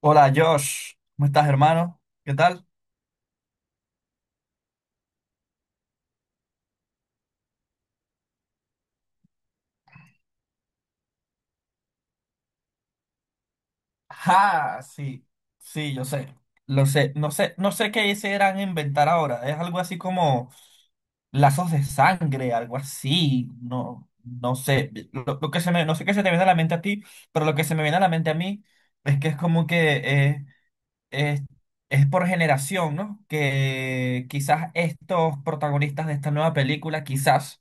Hola Josh, ¿cómo estás hermano? ¿Qué tal? Ah, sí, sí, yo sé. Lo sé, no sé, no sé qué se irán a inventar ahora. Es algo así como lazos de sangre, algo así. No, no sé. Lo que se me, no sé qué se te viene a la mente a ti, pero lo que se me viene a la mente a mí es que es como que es, es por generación, ¿no? Que quizás estos protagonistas de esta nueva película, quizás,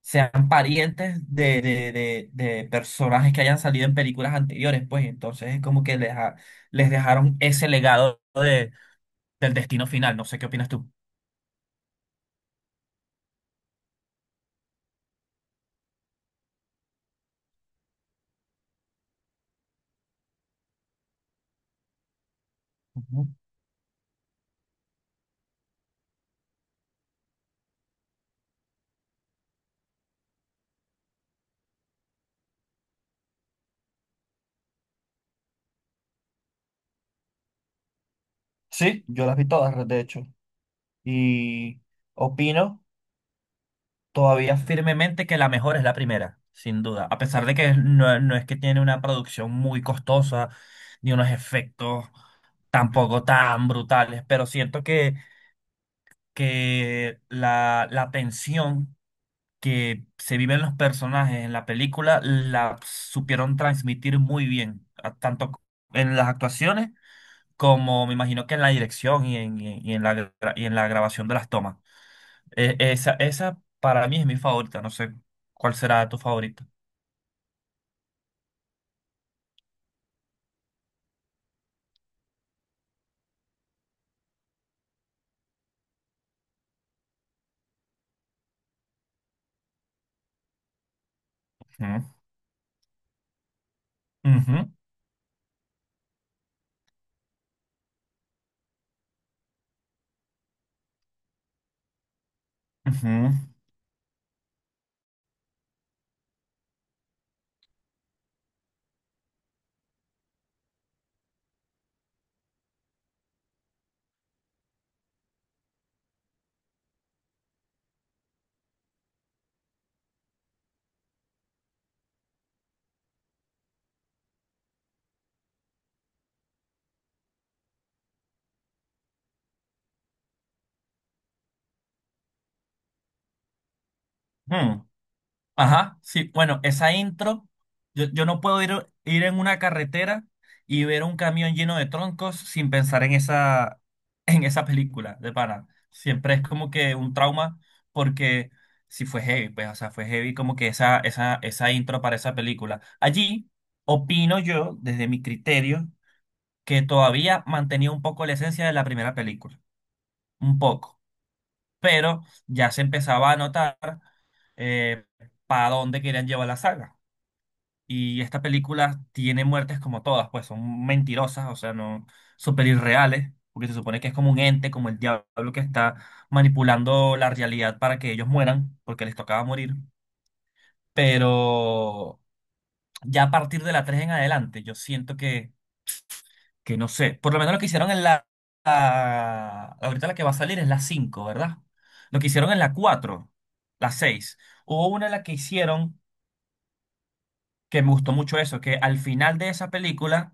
sean parientes de personajes que hayan salido en películas anteriores, pues entonces es como que les dejaron ese legado del destino final. No sé qué opinas tú. Ujú. Sí, yo las vi todas, de hecho. Y opino, todavía firmemente, que la mejor es la primera, sin duda. A pesar de que no, no es que tiene una producción muy costosa, ni unos efectos tampoco tan brutales, pero siento que la tensión que se viven los personajes en la película la supieron transmitir muy bien, tanto en las actuaciones como me imagino que en la dirección y en, y en- y en la, gra- y en la grabación de las tomas. Esa para mí es mi favorita, no sé cuál será tu favorita. Ujú, ujú, ujú, ujú. Ajá, sí, bueno, esa intro, yo no puedo ir en una carretera y ver un camión lleno de troncos sin pensar en esa, en esa película de pana. Siempre es como que un trauma porque si fue heavy, pues, o sea, fue heavy, como que esa intro para esa película. Allí opino yo, desde mi criterio, que todavía mantenía un poco la esencia de la primera película, un poco, pero ya se empezaba a notar eh, para dónde querían llevar la saga. Y esta película tiene muertes, como todas, pues son mentirosas, o sea, no súper irreales, porque se supone que es como un ente, como el diablo, que está manipulando la realidad para que ellos mueran, porque les tocaba morir. Pero ya a partir de la 3 en adelante, yo siento que no sé. Por lo menos lo que hicieron en la, ahorita la que va a salir es la cinco, ¿verdad? Lo que hicieron en la cuatro, la seis. Hubo una en la que hicieron, que me gustó mucho eso, que al final de esa película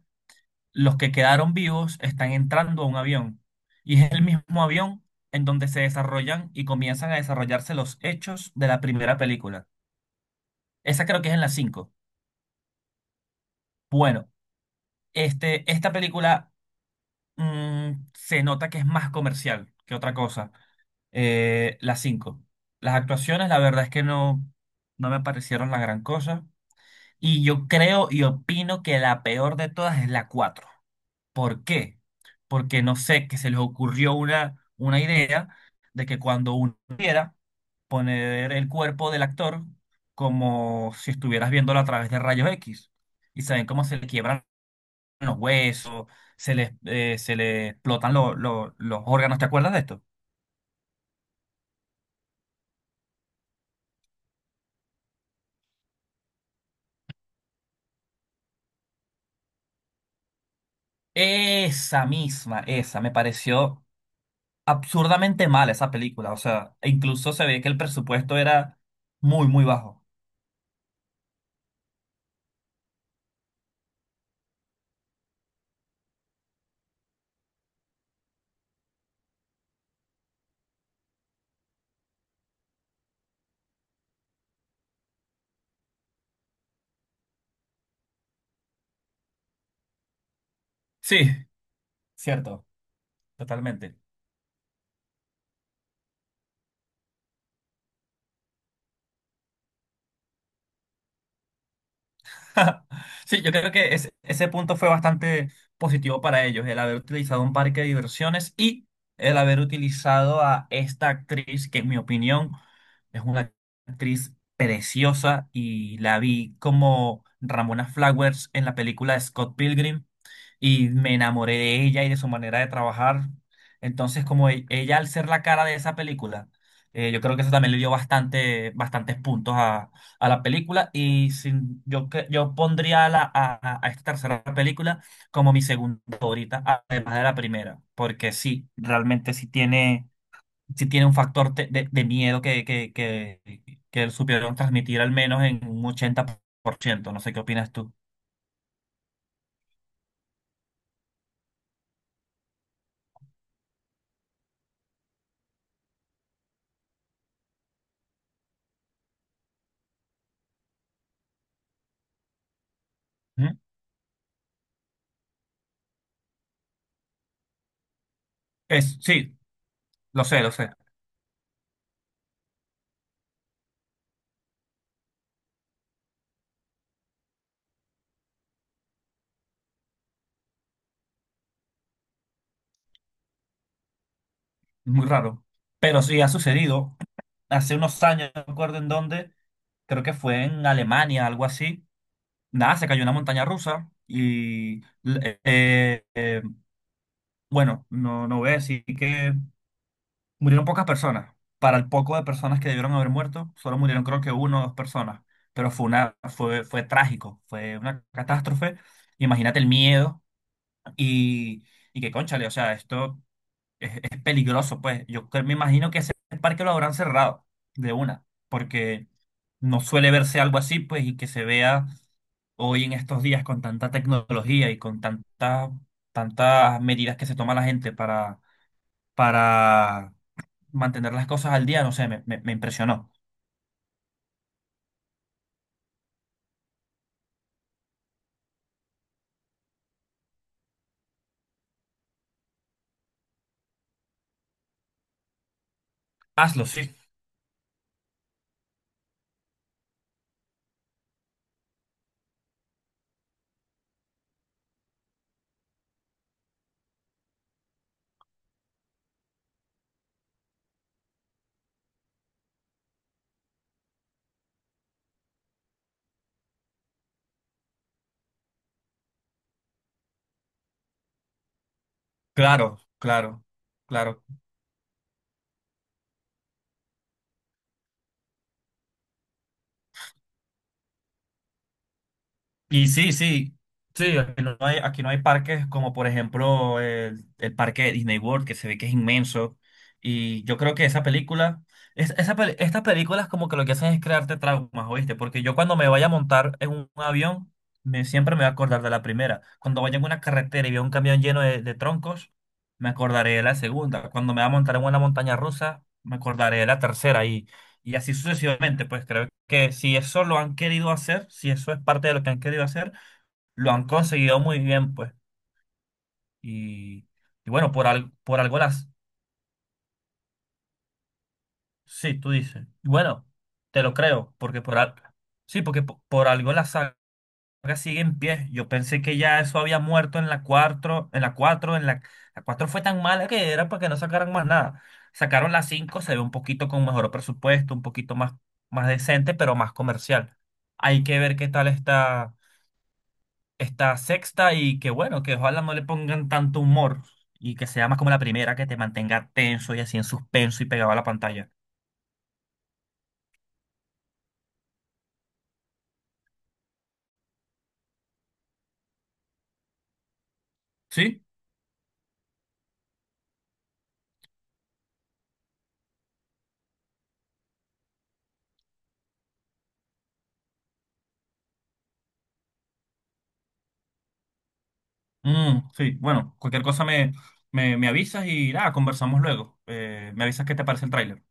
los que quedaron vivos están entrando a un avión, y es el mismo avión en donde se desarrollan y comienzan a desarrollarse los hechos de la primera película. Esa creo que es en la 5. Bueno, este, esta película, se nota que es más comercial que otra cosa. La cinco, las actuaciones, la verdad es que no, no me parecieron la gran cosa. Y yo creo y opino que la peor de todas es la 4. ¿Por qué? Porque no sé, que se les ocurrió una idea de que cuando uno quiera poner el cuerpo del actor como si estuvieras viéndolo a través de rayos X, y saben cómo se le quiebran los huesos, se les explotan los órganos. ¿Te acuerdas de esto? Esa misma, esa, me pareció absurdamente mala esa película. O sea, e incluso se ve que el presupuesto era muy, muy bajo. Sí, cierto, totalmente. Sí, yo creo que ese punto fue bastante positivo para ellos, el haber utilizado un parque de diversiones y el haber utilizado a esta actriz, que en mi opinión es una actriz preciosa, y la vi como Ramona Flowers en la película de Scott Pilgrim y me enamoré de ella y de su manera de trabajar. Entonces, como ella al ser la cara de esa película, yo creo que eso también le dio bastantes puntos a, la película, y sin, yo pondría a esta tercera película como mi segunda favorita, además de la primera, porque sí, realmente sí tiene un factor de miedo, que supieron transmitir al menos en un 80%. No sé qué opinas tú. ¿Mm? Sí, lo sé, lo sé. Muy raro. Pero sí ha sucedido. Hace unos años, no recuerdo en dónde, creo que fue en Alemania, algo así. Nada, se cayó una montaña rusa y, bueno, no, no voy a decir que murieron pocas personas. Para el poco de personas que debieron haber muerto, solo murieron, creo, que uno o dos personas. Pero fue trágico, fue una catástrofe. Imagínate el miedo y, y que, cónchale, o sea, esto peligroso, pues. Me imagino que ese parque lo habrán cerrado de una, porque no suele verse algo así, pues, y que se vea hoy en estos días con tanta tecnología y con tantas medidas que se toma la gente para mantener las cosas al día. No sé, me impresionó. Hazlo, sí. Claro, claro, claro. Y sí, sí, sí, aquí no hay parques como por ejemplo el parque de Disney World, que se ve que es inmenso. Y yo creo que esa película, estas películas, como que lo que hacen es crearte traumas, ¿oíste? Porque yo cuando me vaya a montar en un avión, siempre me voy a acordar de la primera. Cuando vaya en una carretera y veo un camión lleno de troncos, me acordaré de la segunda. Cuando me vaya a montar en una montaña rusa, me acordaré de la tercera. Y así sucesivamente, pues creo que si eso lo han querido hacer, si eso es parte de lo que han querido hacer, lo han conseguido muy bien, pues. Y, por algo las... Sí, tú dices. Y bueno, te lo creo, sí, algo la saga sigue en pie. Yo pensé que ya eso había muerto en la cuatro. La 4 fue tan mala que era para que no sacaran más nada. Sacaron la cinco, se ve un poquito con mejor presupuesto, un poquito más, más decente, pero más comercial. Hay que ver qué tal está sexta, y que bueno, que ojalá no le pongan tanto humor y que sea más como la primera, que te mantenga tenso y así en suspenso y pegado a la pantalla. ¿Sí? Sí, bueno, cualquier cosa me avisas y nada, conversamos luego. Me avisas qué te parece el tráiler.